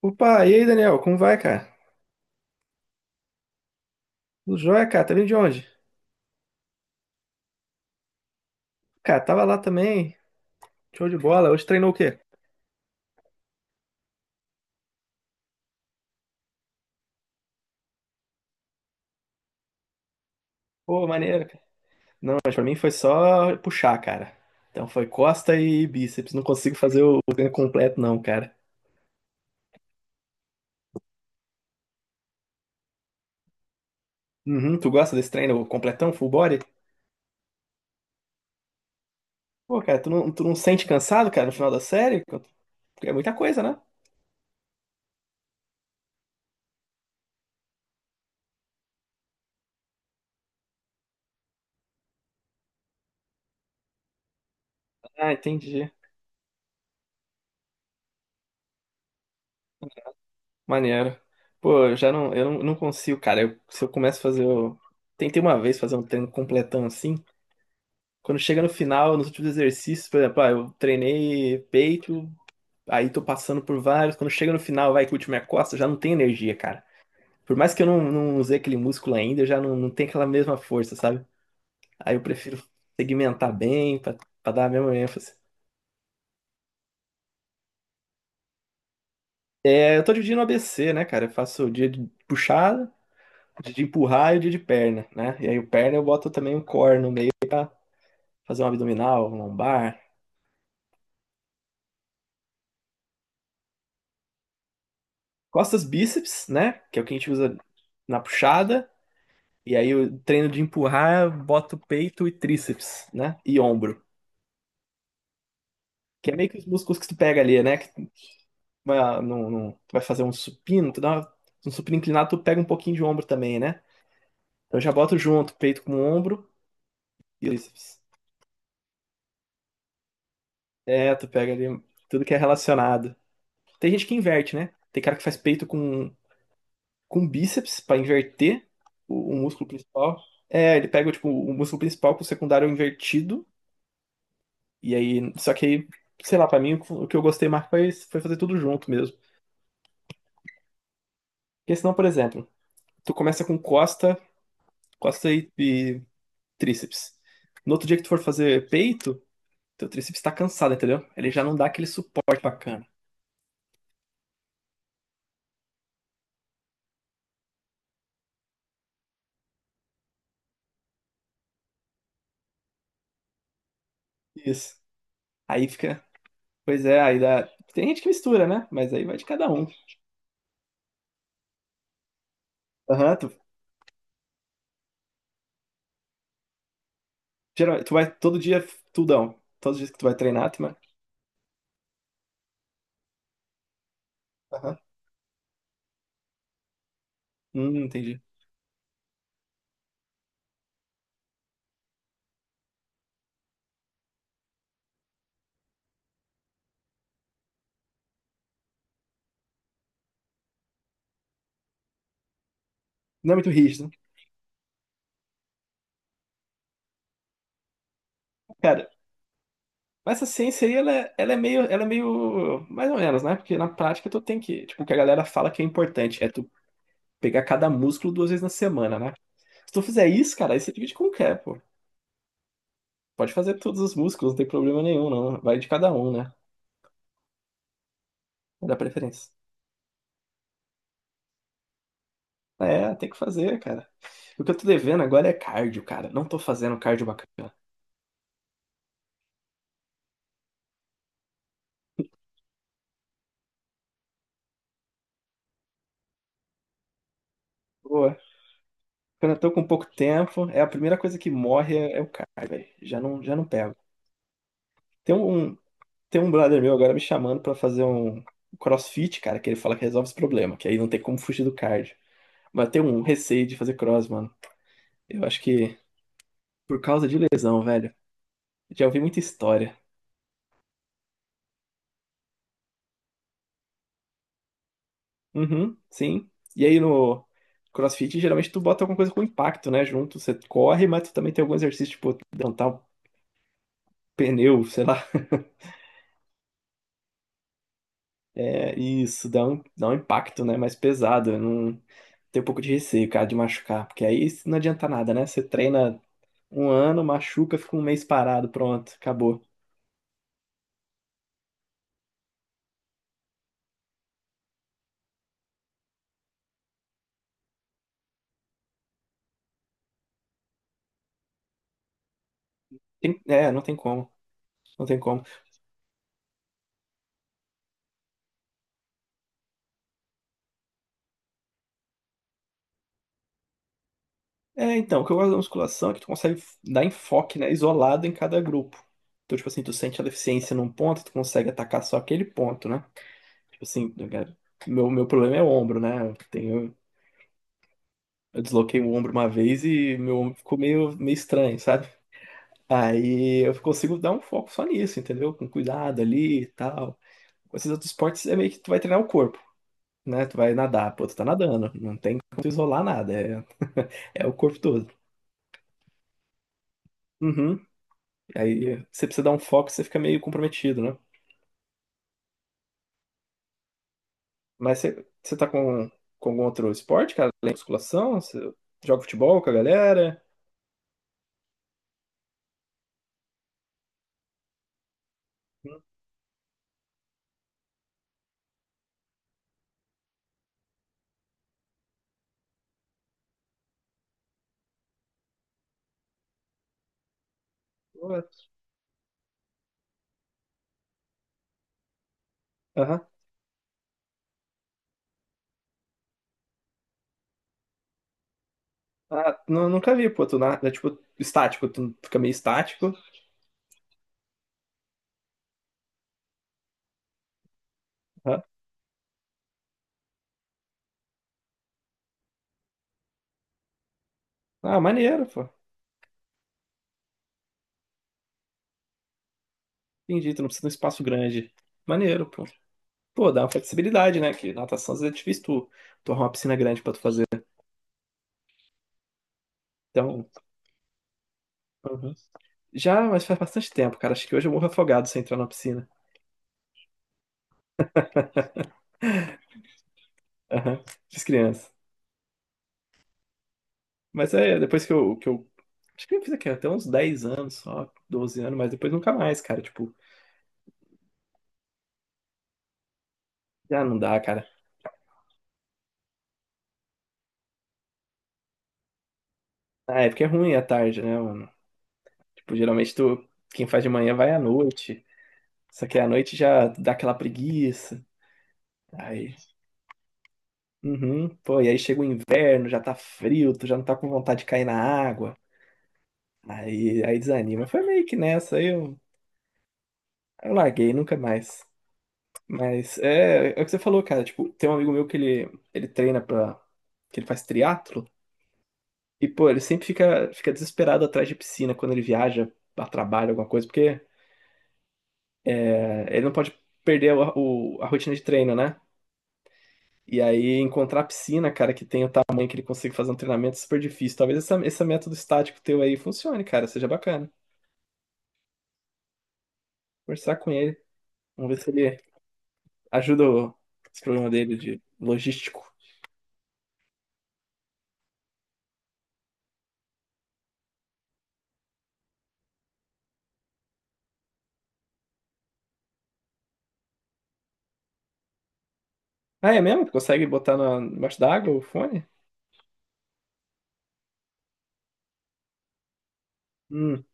Opa, e aí, Daniel? Como vai, cara? Tudo jóia, cara? Tá vindo de onde? Cara, tava lá também. Show de bola. Hoje treinou o quê? Pô, maneiro, cara. Não, mas pra mim foi só puxar, cara. Então foi costa e bíceps. Não consigo fazer o treino completo, não, cara. Uhum, tu gosta desse treino completão, full body? Pô, cara, tu não sente cansado, cara, no final da série? Porque é muita coisa, né? Ah, entendi. Maneiro. Pô, eu não consigo, cara. Se eu começo a fazer o... Tentei uma vez fazer um treino completão assim. Quando chega no final, nos últimos exercícios, por exemplo, ah, eu treinei peito, aí tô passando por vários. Quando chega no final, vai que o último é costa, eu já não tem energia, cara. Por mais que eu não usei aquele músculo ainda, eu já não tenho aquela mesma força, sabe? Aí eu prefiro segmentar bem pra dar a mesma ênfase. É, eu tô dividindo o ABC, né, cara? Eu faço o dia de puxada, o dia de empurrar e o dia de perna, né? E aí o perna eu boto também um core no meio pra fazer um abdominal, um lombar. Costas, bíceps, né? Que é o que a gente usa na puxada. E aí eu treino de empurrar, boto peito e tríceps, né? E ombro. Que é meio que os músculos que tu pega ali, né? Que tu vai, ah, tu vai fazer um supino, um supino inclinado, tu pega um pouquinho de ombro também, né? Então eu já boto junto, peito com ombro e tríceps. É, tu pega ali tudo que é relacionado. Tem gente que inverte, né? Tem cara que faz peito com bíceps pra inverter o músculo principal. É, ele pega, tipo, o músculo principal com o secundário invertido. E aí, só que aí, sei lá, pra mim o que eu gostei mais foi, foi fazer tudo junto mesmo. Porque senão, por exemplo, tu começa com costa, costa e tríceps. No outro dia que tu for fazer peito, teu tríceps tá cansado, entendeu? Ele já não dá aquele suporte bacana. Isso. Aí fica, pois é, aí dá. Tem gente que mistura, né? Mas aí vai de cada um. Aham, tu, tu vai todo dia tudão. Todos os dias que tu vai treinar, tu vai. Aham. Entendi. Não é muito rígido. Cara, mas essa ciência aí, ela é meio, mais ou menos, né? Porque na prática tu tem que, tipo, o que a galera fala que é importante é tu pegar cada músculo 2 vezes na semana, né? Se tu fizer isso, cara, aí você divide com o quê, pô? Pode fazer todos os músculos, não tem problema nenhum, não. Vai de cada um, né? Vai dar preferência. É, tem que fazer, cara. O que eu tô devendo agora é cardio, cara. Não tô fazendo cardio bacana. Boa. Quando eu tô com pouco tempo, é a primeira coisa que morre é, é o cardio, velho. Já não pego. Tem um, Tem um brother meu agora me chamando pra fazer um CrossFit, cara, que ele fala que resolve esse problema, que aí não tem como fugir do cardio. Mas eu tenho um receio de fazer cross, mano. Eu acho que Por causa de lesão, velho. Já ouvi muita história. Uhum, sim. E aí no CrossFit, geralmente tu bota alguma coisa com impacto, né? Junto, você corre, mas tu também tem algum exercício, tipo, levantar um pneu, sei lá. É, isso, dá um impacto, né? Mais pesado. Eu não tenho um pouco de receio, cara, de machucar. Porque aí não adianta nada, né? Você treina 1 ano, machuca, fica 1 mês parado, pronto, acabou. É, não tem como. Não tem como. É, então, o que eu gosto da musculação é que tu consegue dar enfoque, né? Isolado em cada grupo. Então, tipo assim, tu sente a deficiência num ponto, tu consegue atacar só aquele ponto, né? Tipo assim, meu problema é o ombro, né? Eu tenho, eu desloquei o ombro uma vez e meu ombro ficou meio estranho, sabe? Aí eu consigo dar um foco só nisso, entendeu? Com cuidado ali e tal. Com esses outros esportes é meio que tu vai treinar o corpo. Né? Tu vai nadar, pô, tu tá nadando, não tem como tu isolar nada, é, é o corpo todo. Uhum. Aí você precisa dar um foco, você fica meio comprometido, né? Mas você, com algum outro esporte, cara? Além da musculação? Você joga futebol com a galera? Hum, ué. Aham. Ah, nunca vi, pô, tu nada, é tipo estático, tu fica meio estático. Aham. Ah, maneiro, pô. Entendi, tu não precisa de um espaço grande. Maneiro, pô. Pô, dá uma flexibilidade, né? Que natação às vezes é difícil tu arrumar uma piscina grande pra tu fazer. Né? Então, uhum. Já, mas faz bastante tempo, cara. Acho que hoje eu morro afogado se eu entrar na piscina. Aham, fiz criança. Mas é, depois que eu. Acho que eu fiz aqui até uns 10 anos, só 12 anos, mas depois nunca mais, cara. Tipo, já não dá, cara. Ah, é porque é ruim à tarde, né, mano? Tipo, geralmente tu, quem faz de manhã vai à noite. Só que à noite já dá aquela preguiça. Aí, uhum, pô, e aí chega o inverno, já tá frio, tu já não tá com vontade de cair na água. Aí desanima. Foi meio que nessa, eu larguei, nunca mais. Mas é, é o que você falou, cara. Tipo, tem um amigo meu ele treina pra. Que ele faz triatlo e, pô, fica desesperado atrás de piscina quando ele viaja a trabalho, alguma coisa, porque é, ele não pode perder a rotina de treino, né? E aí encontrar a piscina, cara, que tem o tamanho que ele consiga fazer um treinamento é super difícil. Talvez esse método estático teu aí funcione, cara, seja bacana. Conversar com ele, vamos ver se ele ajuda esse problema dele de logístico. Ah, é mesmo? Consegue botar na, embaixo d'água o fone? Hum.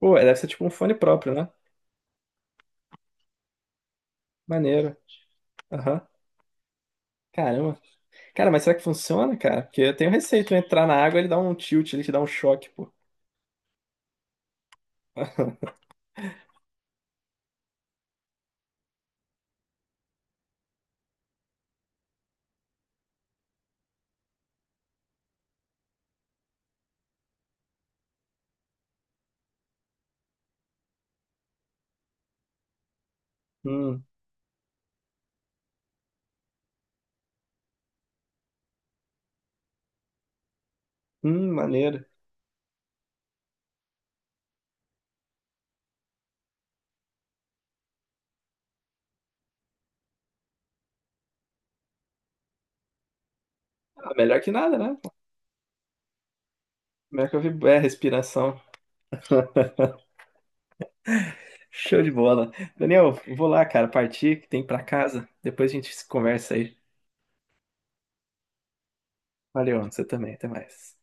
Pô, deve ser tipo um fone próprio, né? Maneiro. Aham. Caramba. Cara, mas será que funciona, cara? Porque eu tenho receio, tu entrar na água, ele dá um tilt, ele te dá um choque, pô. Hum, maneiro. Ah, melhor que nada, né? Melhor que eu vi é, respiração. Show de bola. Daniel, vou lá, cara, partir, que tem pra casa. Depois a gente se conversa aí. Valeu, você também, até mais.